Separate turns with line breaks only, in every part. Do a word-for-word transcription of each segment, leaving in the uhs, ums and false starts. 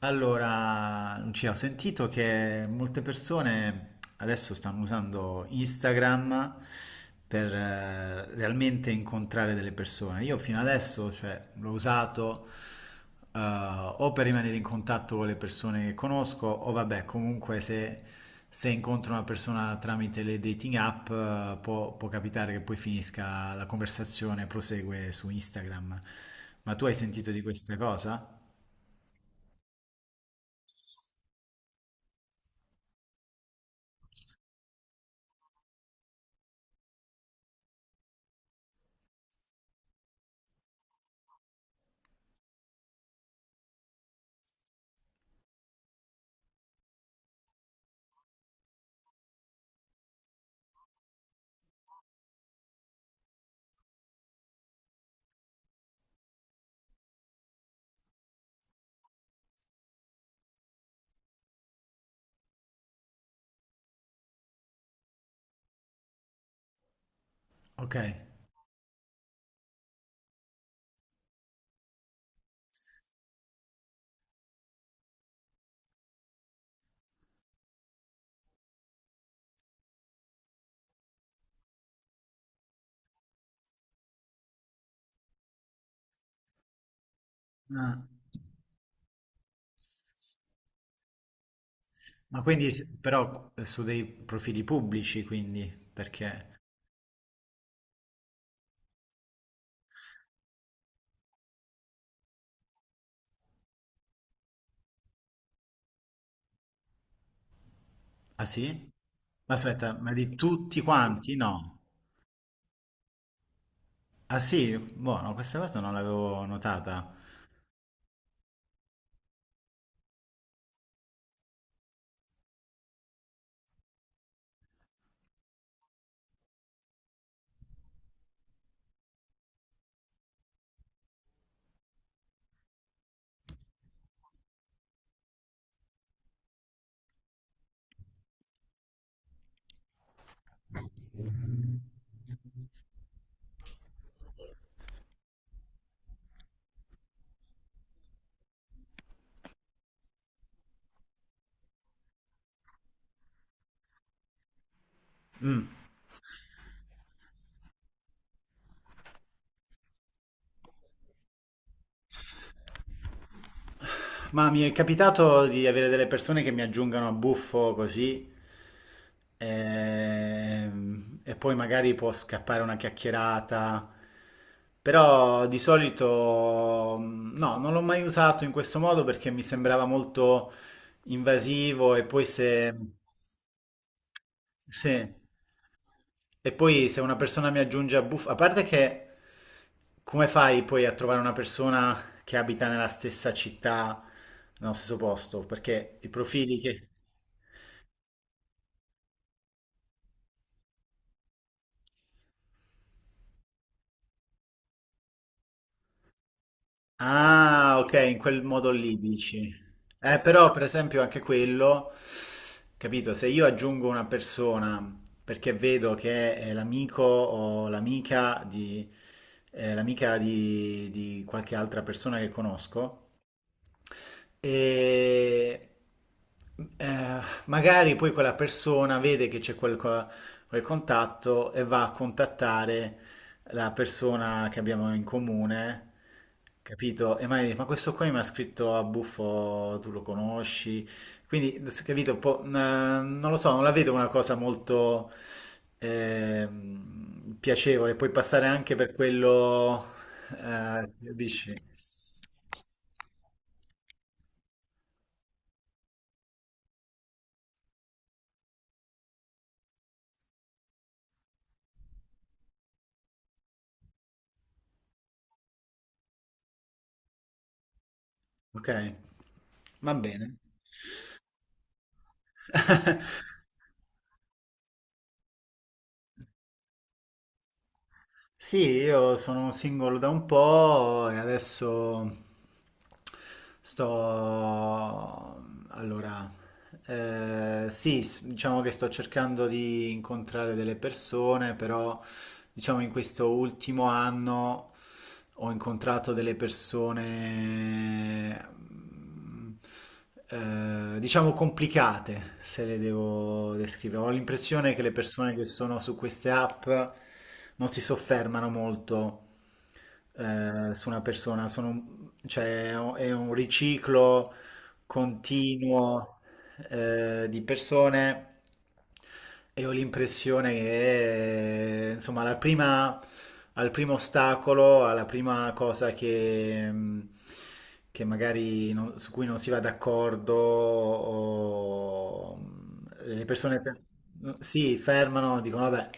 Allora, Lucia, ho sentito che molte persone adesso stanno usando Instagram per eh, realmente incontrare delle persone. Io fino adesso, cioè, l'ho usato eh, o per rimanere in contatto con le persone che conosco, o vabbè, comunque se, se incontro una persona tramite le dating app, eh, può, può capitare che poi finisca la conversazione, prosegue su Instagram. Ma tu hai sentito di questa cosa? Ok. Ah. Ma quindi, s- però, eh, su dei profili pubblici, quindi, perché... Ah, sì? Ma aspetta, ma di tutti quanti? No. Ah, sì? Buono, questa cosa non l'avevo notata. Mm. Ma mi è capitato di avere delle persone che mi aggiungano a buffo così ehm, e, poi magari può scappare una chiacchierata, però di solito mm, no, non l'ho mai usato in questo modo perché mi sembrava molto invasivo e poi se... Sì. E poi se una persona mi aggiunge a buff, a parte che come fai poi a trovare una persona che abita nella stessa città, nello stesso posto? Perché i profili che... Ah, ok, in quel modo lì dici. Eh, però per esempio anche quello, capito, se io aggiungo una persona perché vedo che è l'amico o l'amica di, eh, l'amica di di qualche altra persona che conosco, e eh, magari poi quella persona vede che c'è quel, co- quel contatto e va a contattare la persona che abbiamo in comune, capito? E magari dice, ma questo qua mi ha scritto a buffo, tu lo conosci? Quindi, s- capito, un po', n- non lo so, non la vedo una cosa molto ehm, piacevole. Puoi passare anche per quello, eh, capisci? Okay, va bene. Sì, io sono single da un po' e adesso sto... Allora, eh, sì, s- diciamo che sto cercando di incontrare delle persone, però diciamo in questo ultimo anno ho incontrato delle persone... ehm, eh, diciamo complicate se le devo descrivere. Ho l'impressione che le persone che sono su queste app non si soffermano molto eh, su una persona, sono, cioè, è un è un riciclo continuo eh, di persone e ho l'impressione che, eh, insomma, alla prima, al primo ostacolo, alla prima cosa che, mh, che magari non- su cui non si va d'accordo, o, mh, le persone te- si fermano, dicono, vabbè,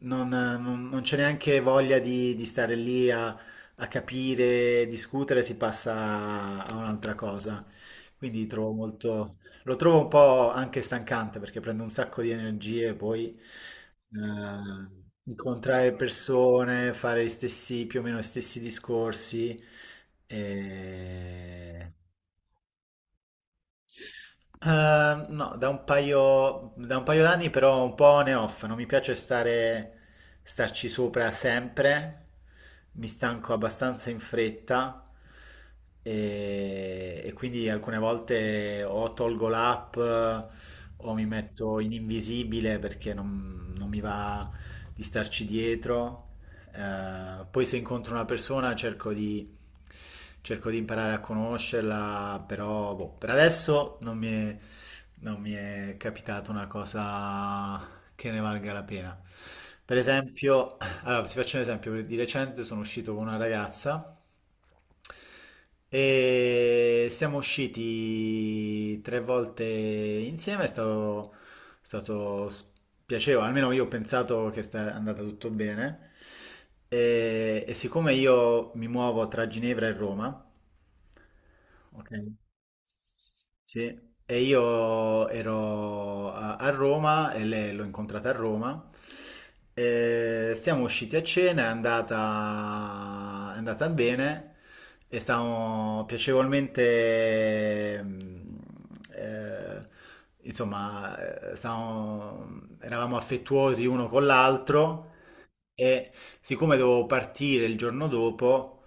non, non- non c'è neanche voglia di, di stare lì a a capire, discutere, si passa a un'altra cosa. Quindi trovo molto... Lo trovo un po' anche stancante perché prende un sacco di energie, poi eh, incontrare persone, fare gli stessi, più o meno gli stessi discorsi. E... Eh, no, da un paio, da un paio d'anni però un po' on e off, non mi piace stare, starci sopra sempre, mi stanco abbastanza in fretta e, e quindi alcune volte o tolgo l'app eh, o mi metto in invisibile perché non, non mi va di starci dietro. Eh, poi se incontro una persona cerco di cerco di imparare a conoscerla, però boh, per adesso non mi è, non mi è capitata una cosa che ne valga la pena. Per esempio, allora, vi faccio un esempio, di recente sono uscito con una ragazza. E siamo usciti tre volte insieme, è stato, è stato s- piacevole, almeno io ho pensato che sta andata tutto bene. E, e siccome io mi muovo tra Ginevra e Roma, ok? Sì, e io ero a, a Roma e lei l'ho incontrata a Roma. E siamo usciti a cena, è andata, è andata bene e stavamo piacevolmente, mm, eh, insomma, eh, stavamo- eravamo affettuosi uno con l'altro e siccome dovevo partire il giorno dopo,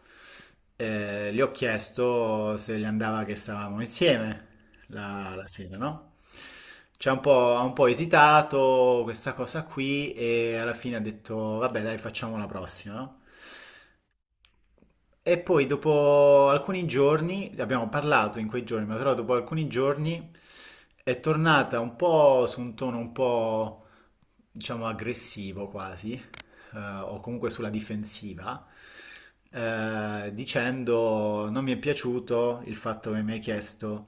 eh, gli ho chiesto se gli andava che stavamo insieme la, la sera, no? Ci ha un po', ha un po' esitato questa cosa qui e alla fine ha detto, vabbè, dai, facciamo la prossima, no? E poi dopo alcuni giorni, abbiamo parlato in quei giorni, ma però dopo alcuni giorni è tornata un po' su un tono un po', diciamo, aggressivo quasi, eh, o comunque sulla difensiva, eh, dicendo non mi è piaciuto il fatto che mi hai chiesto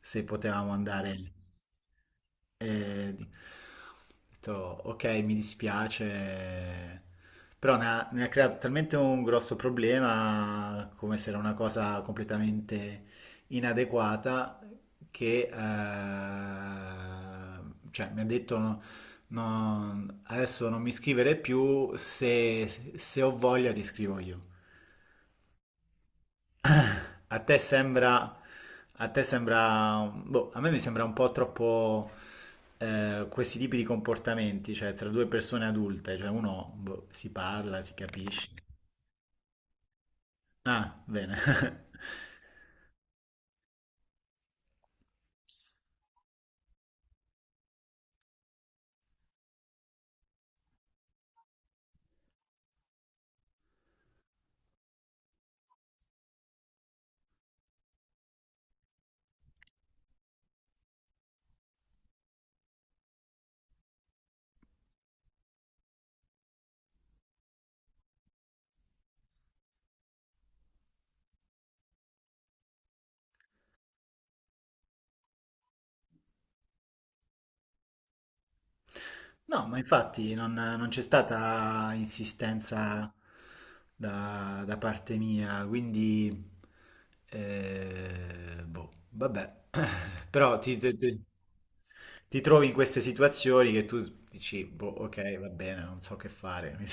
se potevamo andare. E ho detto, ok, mi dispiace, però ne ha, ne ha creato talmente un grosso problema, come se era una cosa completamente inadeguata, che eh, cioè, mi ha detto no, no, adesso non mi scrivere più, se, se ho voglia ti scrivo io. A te sembra, a te sembra, boh, a me mi sembra un po' troppo eh, questi tipi di comportamenti, cioè tra due persone adulte, cioè uno boh, si parla, si capisce. Ah, bene. No, ma infatti non, non c'è stata insistenza da, da parte mia, quindi eh, boh, vabbè. Però ti, ti- ti- ti trovi in queste situazioni che tu dici, boh, ok, va bene, non so che fare.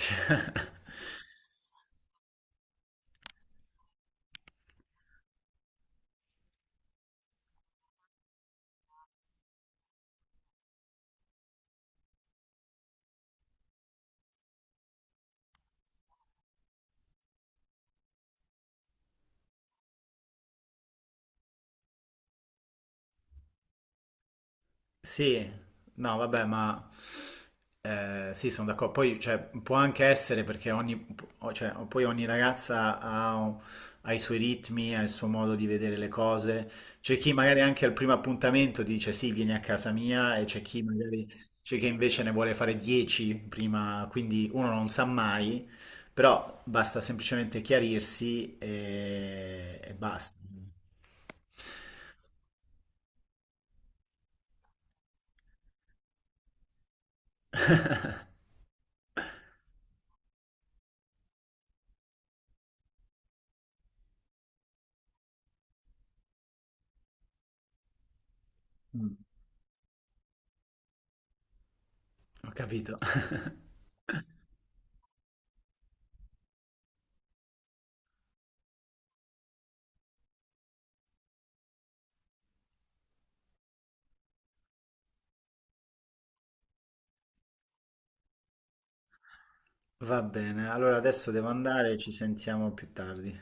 Sì, no, vabbè, ma eh, sì, sono d'accordo. Poi, cioè, può anche essere perché ogni, o- cioè, poi ogni ragazza ha, un- ha i suoi ritmi, ha il suo modo di vedere le cose. C'è chi magari anche al primo appuntamento dice sì, vieni a casa mia, e c'è chi magari c'è chi invece ne vuole fare dieci prima, quindi uno non sa mai, però basta semplicemente chiarirsi e, e basta. Mm, ho capito. Va bene, allora adesso devo andare, ci sentiamo più tardi.